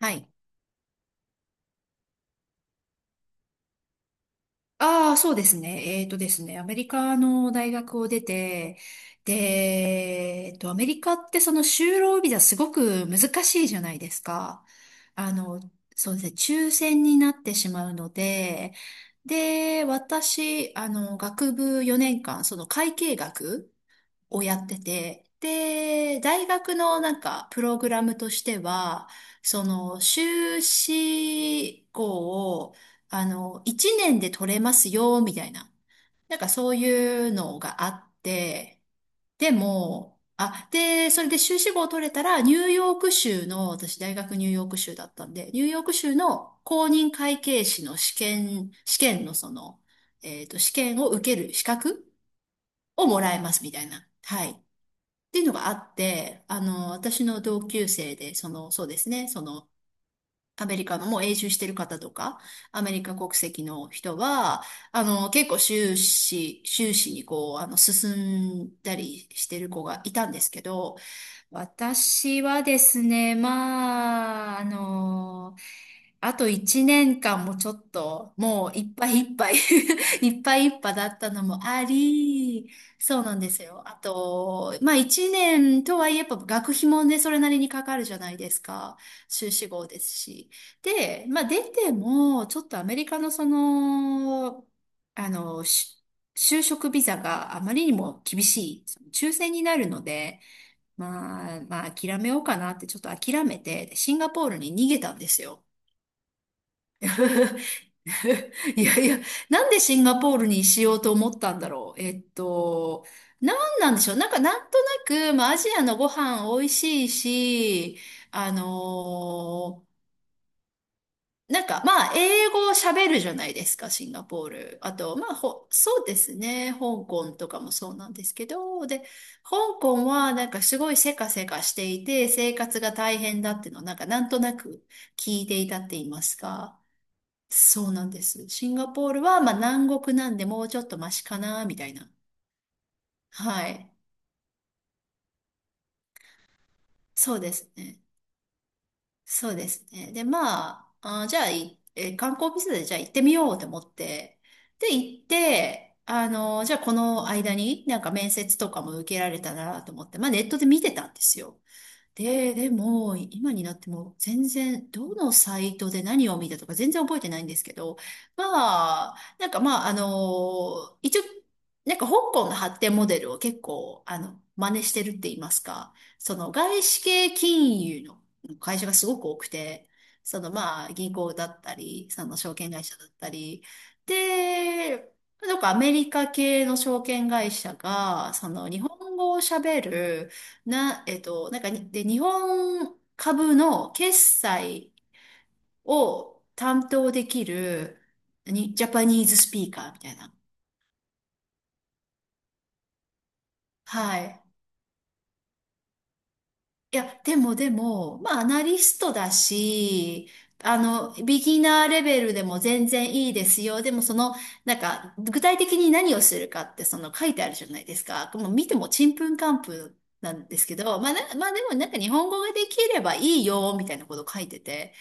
はい。ああ、そうですね。アメリカの大学を出て、で、えっと、アメリカってその就労ビザすごく難しいじゃないですか。あの、そうですね、抽選になってしまうので、で、私、学部4年間、その会計学をやってて、で、大学のなんかプログラムとしては、その修士号を、1年で取れますよ、みたいな。なんかそういうのがあって、でも、あ、で、それで修士号を取れたら、ニューヨーク州の、私大学ニューヨーク州だったんで、ニューヨーク州の公認会計士の試験のその、試験を受ける資格をもらえますみたいな。はい。っていうのがあって、私の同級生で、そうですね、アメリカのもう永住してる方とか、アメリカ国籍の人は、結構修士にこう、進んだりしてる子がいたんですけど、私はですね、あと1年間もちょっと、もういっぱいいっぱい いっぱいいっぱいだったのもあり、そうなんですよ。あと、まあ1年とはいえ、やっぱ学費もね、それなりにかかるじゃないですか。修士号ですし。で、まあ出ても、ちょっとアメリカのその、あの、し就職ビザがあまりにも厳しい、その抽選になるので、まあ、諦めようかなって、ちょっと諦めて、シンガポールに逃げたんですよ。いやいや、なんでシンガポールにしようと思ったんだろう。なんなんでしょう。なんか、なんとなく、まあ、アジアのご飯美味しいし、あのーなんか、まあ、英語を喋るじゃないですか、シンガポール。あと、まあ、そうですね、香港とかもそうなんですけど、で、香港はなんかすごいせかせかしていて、生活が大変だっていうのをなんかなんとなく聞いていたって言いますか。そうなんです。シンガポールは、まあ、南国なんでもうちょっとマシかな、みたいな。はい。そうですね。そうですね。で、まあ、じゃあ、いえー観光ビザでじゃあ行ってみようと思って。で、行って、じゃあこの間になんか面接とかも受けられたらなと思って、まあネットで見てたんですよ。で、でも、今になっても全然、どのサイトで何を見たとか全然覚えてないんですけど、まあ、一応、なんか香港の発展モデルを結構、真似してるって言いますか、その外資系金融の会社がすごく多くて、そのまあ、銀行だったり、その証券会社だったり、で、なんかアメリカ系の証券会社が、その日本語を喋る、な、えっと、なんかに、で、日本株の決済を担当できる、ジャパニーズスピーカーみたいな。はい。いや、でも、まあ、アナリストだし、ビギナーレベルでも全然いいですよ。でもその、なんか、具体的に何をするかって、その書いてあるじゃないですか。もう見てもちんぷんかんぷんなんですけど、まあでもなんか日本語ができればいいよ、みたいなこと書いてて。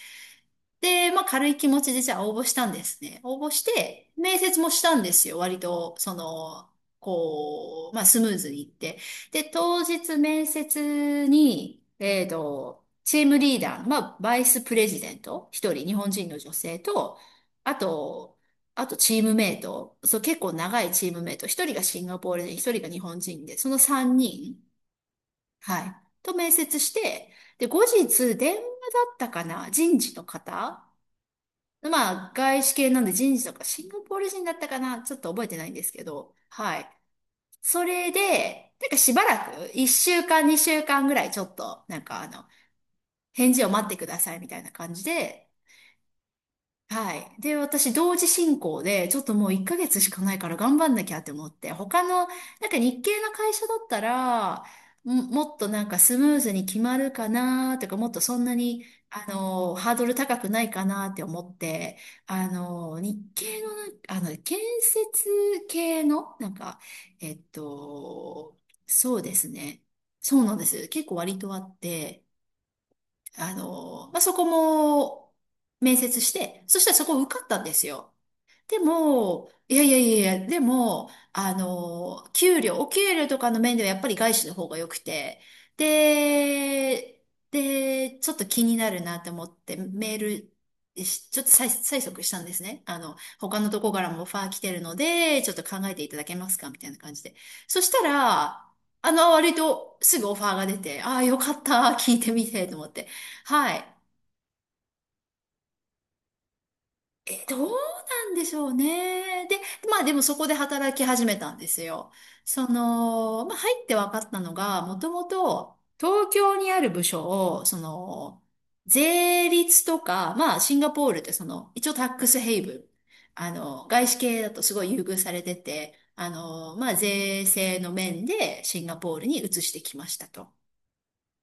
で、まあ軽い気持ちでじゃあ応募したんですね。応募して、面接もしたんですよ。割と、こう、まあスムーズにいって。で、当日面接に、チームリーダーの、まあバイスプレジデント、一人日本人の女性と、あと、あとチームメイト、そう結構長いチームメイト、一人がシンガポール人、一人が日本人で、その三人、はい、と面接して、で、後日電話だったかな、人事の方、まあ、外資系なんで人事とか、シンガポール人だったかなちょっと覚えてないんですけど、はい。それで、なんかしばらく、1週間、2週間ぐらいちょっと、返事を待ってくださいみたいな感じで、はい。で、私、同時進行で、ちょっともう1ヶ月しかないから頑張んなきゃって思って、他の、なんか日系の会社だったら、もっとなんかスムーズに決まるかなとか、もっとそんなに、ハードル高くないかなって思って、日系のなんか、建設系の、なんか、えっと、そうですね。そうなんです。結構割とあって、そこも面接して、そしたらそこ受かったんですよ。でも、いやいやいやいや、でも、お給料とかの面ではやっぱり外資の方が良くて、で、で、ちょっと気になるなって思ってメールし、ちょっと催促したんですね。他のとこからもオファー来てるので、ちょっと考えていただけますかみたいな感じで。そしたら、割とすぐオファーが出て、ああ、よかった、聞いてみて、と思って。はい。え、どうなんでしょうね。で、まあでもそこで働き始めたんですよ。その、まあ入って分かったのが、もともと東京にある部署を、税率とか、まあシンガポールってその、一応タックスヘイブン。外資系だとすごい優遇されてて、まあ税制の面でシンガポールに移してきましたと。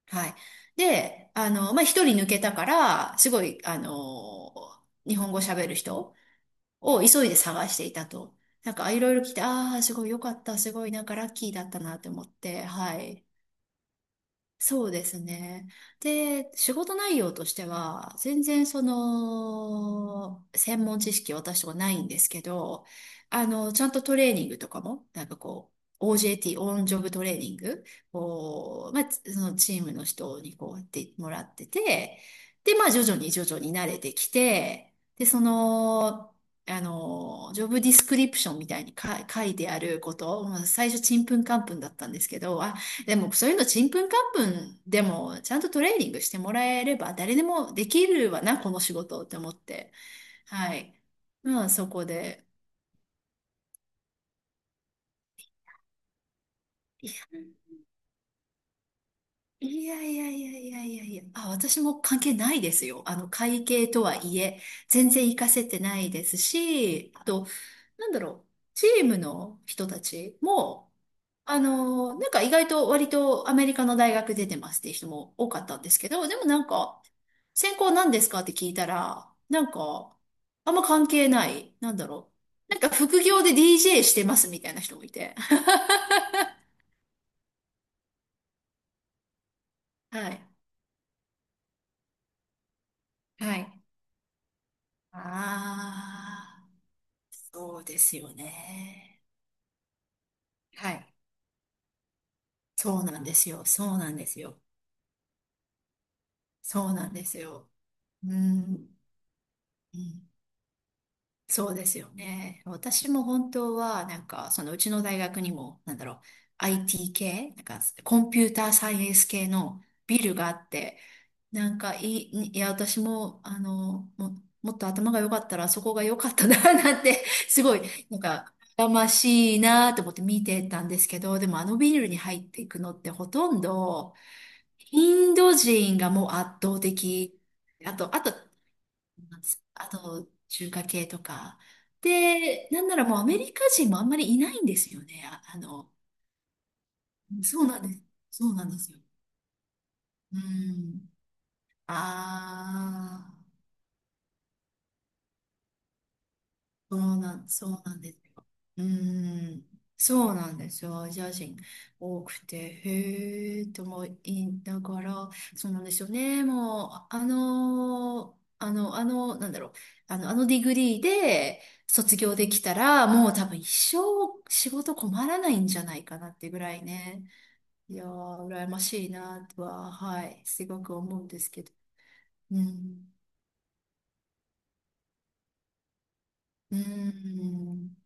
はい。で、まあ一人抜けたから、すごい、日本語喋る人を急いで探していたと。なんか、いろいろ聞いて、ああ、すごい良かった、すごいなんかラッキーだったなって思って、はい。そうですね。で、仕事内容としては、全然その、専門知識は私とかないんですけど、ちゃんとトレーニングとかも、OJT、オンジョブトレーニングを、そのチームの人にこうやってもらってて、で、まあ、徐々に徐々に慣れてきて、で、その、ジョブディスクリプションみたいに書いてあること、まあ最初ちんぷんかんぷんだったんですけど、でもそういうのちんぷんかんぷんでもちゃんとトレーニングしてもらえれば誰でもできるわな、この仕事って思って。はい。まあそこで。いやいやいやいやいやいやいや。あ、私も関係ないですよ。あの会計とはいえ、全然活かせてないですし、あと、なんだろう、チームの人たちも、なんか意外と割とアメリカの大学出てますっていう人も多かったんですけど、でもなんか、専攻何ですかって聞いたら、なんか、あんま関係ない、なんだろう。なんか副業で DJ してますみたいな人もいて。はい。はい。ああ、そうですよね。はい。そうなんですよ。そうなんですよ。そうなんですよ。うん。うん、そうですよね。私も本当は、なんか、そのうちの大学にも、なんだろう、IT 系、なんか、コンピューターサイエンス系のビルがあって、私も、もっと頭が良かったら、そこが良かったな、なんて、すごい、なんか、羨ましいなと思って見てたんですけど、でもあのビルに入っていくのってほとんど、インド人がもう圧倒的。あと、あと、あと、中華系とか。で、なんならもうアメリカ人もあんまりいないんですよね。そうなんです。そうなんですよ。うん。ああ。そうなんですよ。うーん、そうなんですよ。アジア人多くて、へえと思いながら、そうなんですよね。もう、なんだろう、あのディグリーで卒業できたら、もう多分一生仕事困らないんじゃないかなってぐらいね。いやー、羨ましいなとは、はい、すごく思うんですけど。うん、うん、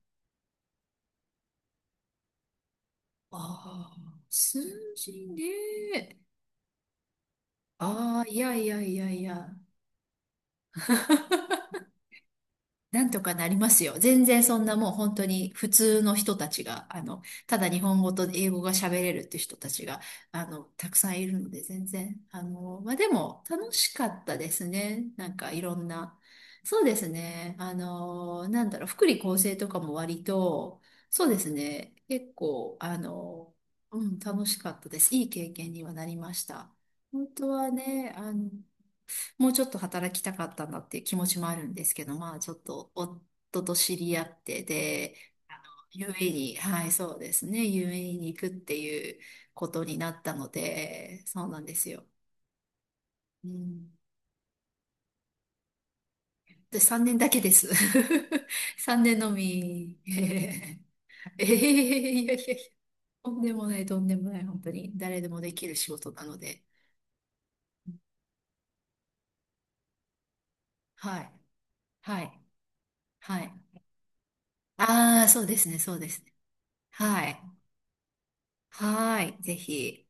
ああ、数字ね。ああ、いやいやいやいや。なんとかなりますよ。全然そんなもう本当に普通の人たちが、ただ日本語と英語が喋れるって人たちが、たくさんいるので、全然。まあ、でも楽しかったですね。なんかいろんな。そうですね。なんだろう、福利厚生とかも割と、そうですね。結構、うん、楽しかったです。いい経験にはなりました。本当はね、もうちょっと働きたかったんだっていう気持ちもあるんですけど、まあちょっと夫と知り合って、で、あのユーエーイーに、はい、そうですね、u a に行くっていうことになったので、そうなんですよ。うん、で、3年だけです。3年のみ。ええ ええ、いやいやいや、とんでもない、とんでもない、本当に。誰でもできる仕事なので。はい、はい、はい。ああ、そうですね、そうですね。はい、はい、ぜひ。